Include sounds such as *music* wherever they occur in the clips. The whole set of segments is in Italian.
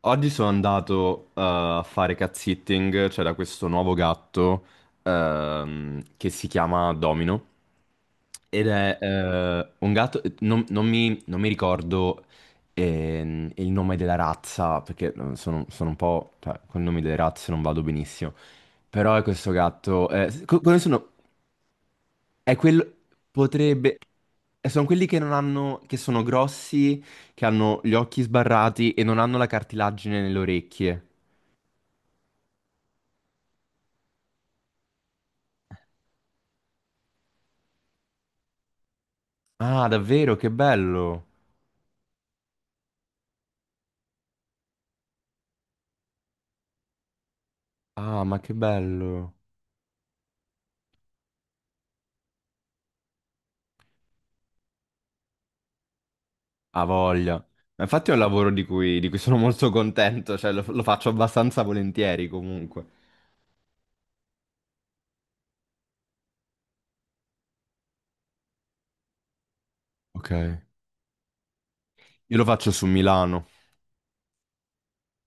Oggi sono andato a fare cat sitting. C'era questo nuovo gatto che si chiama Domino ed è un gatto, non mi ricordo il nome della razza perché sono un po', cioè, con i nomi delle razze non vado benissimo, però è questo gatto, co- come sono? È quello potrebbe sono quelli che non hanno, che sono grossi, che hanno gli occhi sbarrati e non hanno la cartilagine nelle orecchie. Ah, davvero? Che bello. Ah, ma che bello. Ha voglia. Ma infatti è un lavoro di cui sono molto contento, cioè lo faccio abbastanza volentieri comunque. Ok. Io lo faccio su Milano.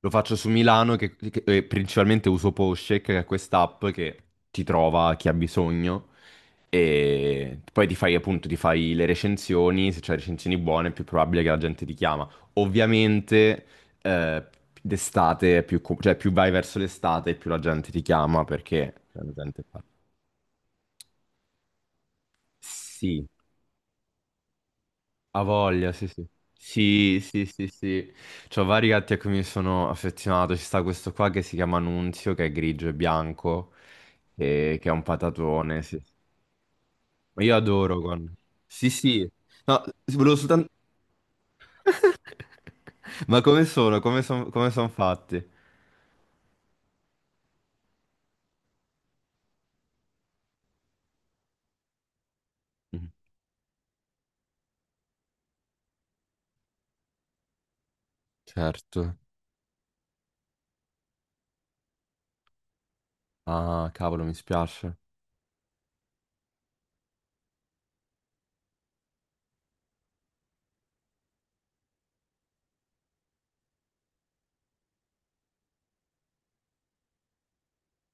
Lo faccio su Milano che principalmente uso Postcheck, che è quest'app che ti trova chi ha bisogno, e poi ti fai, appunto, ti fai le recensioni. Se c'hai recensioni buone è più probabile che la gente ti chiama. Ovviamente eh, d'estate, è più, co- cioè più vai verso l'estate più la gente ti chiama perché la gente fa... Sì. Ha voglia, sì, sì. Sì, sì, sì, sì. C'ho vari gatti a cui mi sono affezionato. Ci sta questo qua che si chiama Nunzio, che è grigio e bianco, e- che è un patatone, sì. Ma io adoro quando... Sì, sì. No, volevo soltanto... *laughs* Ma come sono? Come sono, come son fatti? Mhm. Certo. Ah, cavolo, mi spiace.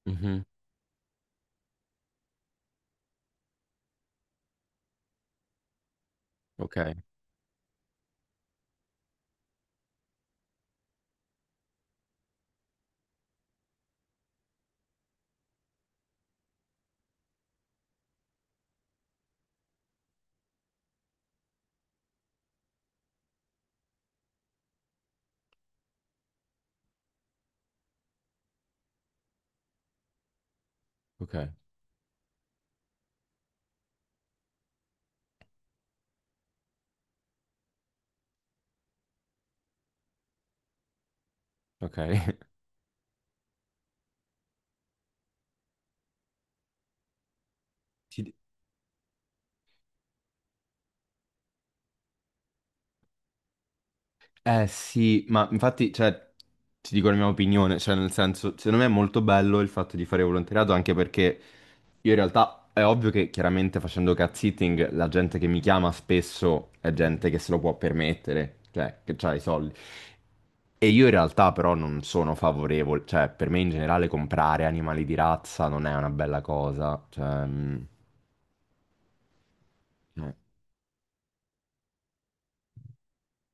Mhm. Ok, ok, ok. *laughs* Ti- Eh sì, ma infatti, cioè, ti dico la mia opinione, cioè nel senso, secondo me è molto bello il fatto di fare volontariato, anche perché io in realtà, è ovvio che chiaramente facendo cat-sitting la gente che mi chiama spesso è gente che se lo può permettere, cioè che ha i soldi. E io in realtà però non sono favorevole, cioè per me in generale comprare animali di razza non è una bella cosa, cioè... mm, no.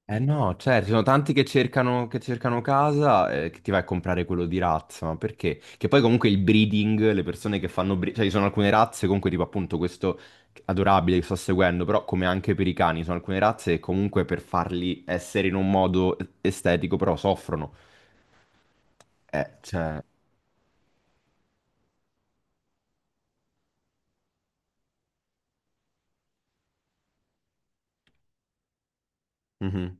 Eh no, cioè, ci sono tanti che cercano casa, che ti vai a comprare quello di razza, ma perché? Che poi comunque il breeding, le persone che fanno bre- cioè ci sono alcune razze comunque tipo, appunto, questo adorabile che sto seguendo, però come anche per i cani, sono alcune razze che comunque per farli essere in un modo estetico però soffrono. Cioè... mhm,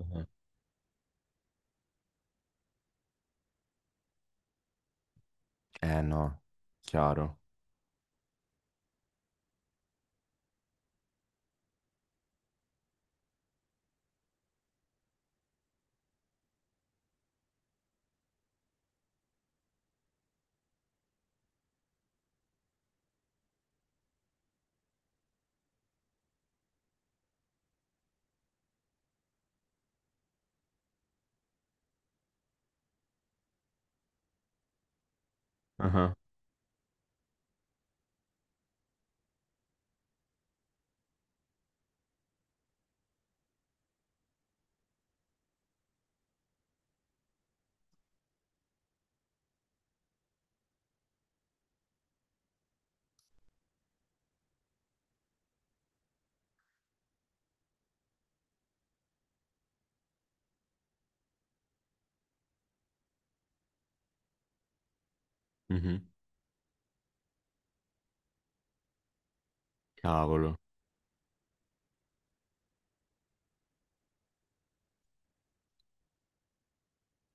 mhm. Eh no, chiaro. Ah, mhm, cavolo.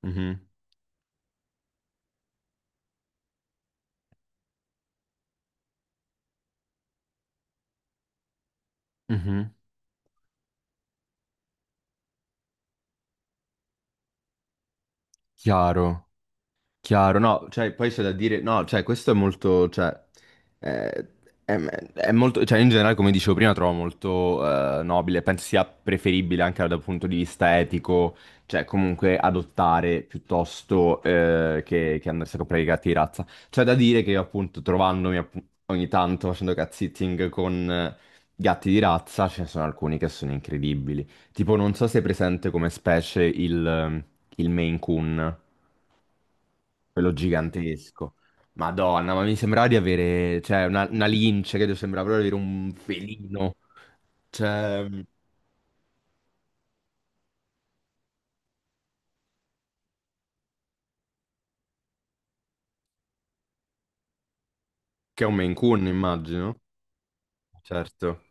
Mhm, mhm. Chiaro. Chiaro, no, cioè poi c'è da dire, no, cioè questo è molto, cioè, eh, è molto, cioè in generale, come dicevo prima, trovo molto nobile, penso sia preferibile anche dal punto di vista etico, cioè comunque adottare piuttosto che andarsi a comprare i gatti di razza. C'è da dire che io, appunto trovandomi appu- ogni tanto facendo cat sitting con gatti di razza, ce ne sono alcuni che sono incredibili, tipo non so se è presente come specie il Maine Coon, quello gigantesco. Madonna, ma mi sembrava di avere, cioè, una lince, credo, sembrava proprio di avere un felino. Cioè, che è un Maine Coon, immagino. Certo.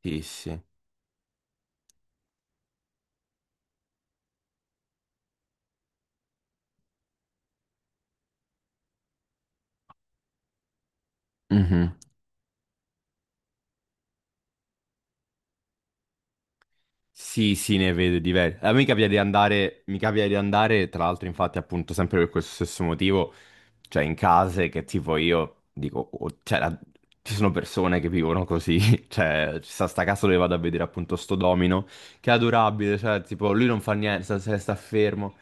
Sì, sì. Mhm. Sì, sì, ne vedo diversi. A me capita di andare, mi capita di andare, tra l'altro, infatti, appunto, sempre per questo stesso motivo, cioè in case che tipo io dico, oh, cioè, la- ci sono persone che vivono così, *laughs* cioè, ci sta sta casa dove vado a vedere, appunto, sto Domino, che è adorabile, cioè, tipo, lui non fa niente, sta, sta- sta fermo.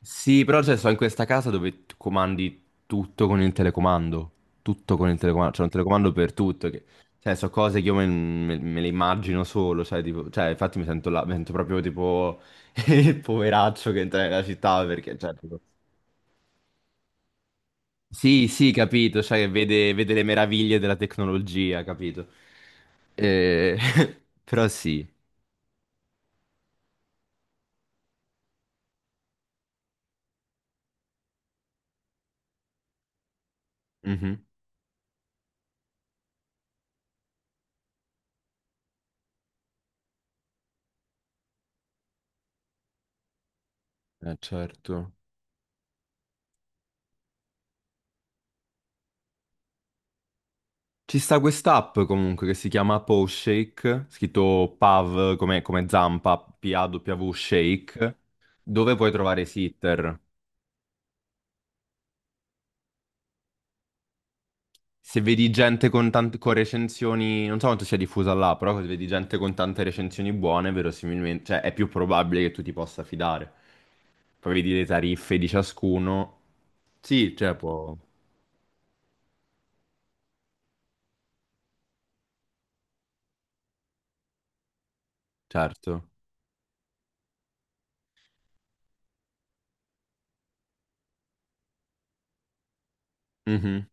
Sì, però cioè, sto in questa casa dove tu comandi tutto con il telecomando. Tutto con il telecomando. C'è un telecomando per tutto. Che... Cioè, so cose che io me, me- me le immagino solo. Cioè, tipo- cioè, infatti mi sento, là, mi sento proprio tipo *laughs* il poveraccio che entra nella città perché, cioè, tipo- Sì, sì, capito. Cioè, che vede, vede le meraviglie della tecnologia, capito? Eh, *laughs* Però sì. Mhm. Certo. Ci sta quest'app comunque che si chiama Paw Shake, scritto PAV come, come zampa, P-A-W Shake, dove puoi trovare sitter. Se vedi gente con, tante, con recensioni, non so quanto sia diffusa là, però se vedi gente con tante recensioni buone, verosimilmente, cioè è più probabile che tu ti possa fidare. Poi vedi le tariffe di ciascuno. Sì, cioè può... Certo. Mhm.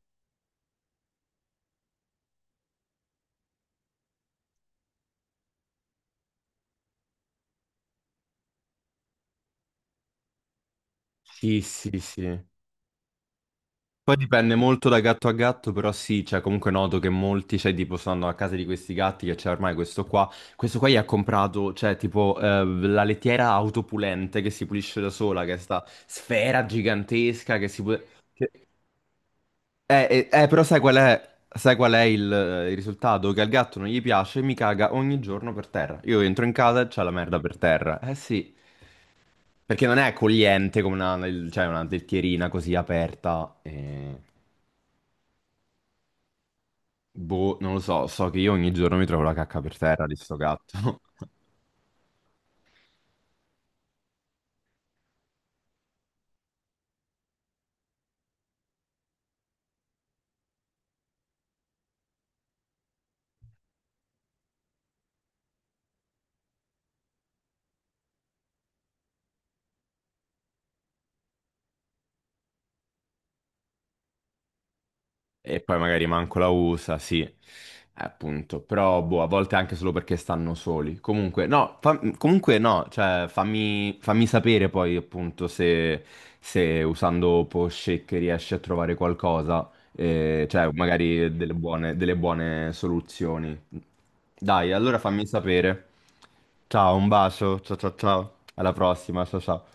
Sì, sì, sì. Poi dipende molto da gatto a gatto, però sì, cioè comunque noto che molti, cioè tipo stanno a casa di questi gatti che c'è ormai questo qua gli ha comprato, cioè tipo la lettiera autopulente che si pulisce da sola, che è sta sfera gigantesca che si può... che- però sai qual è il risultato? Che al gatto non gli piace e mi caga ogni giorno per terra. Io entro in casa e c'è la merda per terra. Eh sì, perché non è accogliente come una, cioè una lettierina così aperta. Eh. Boh, non lo so, so che io ogni giorno mi trovo la cacca per terra di sto gatto. *laughs* E poi magari manco la usa, sì, appunto, però boh, a volte anche solo perché stanno soli. Comunque, no, fa- comunque no, cioè fammi, fammi sapere poi, appunto, se, se usando Poshake riesci a trovare qualcosa, cioè magari delle buone soluzioni. Dai, allora fammi sapere. Ciao, un bacio, ciao ciao ciao, alla prossima, ciao ciao.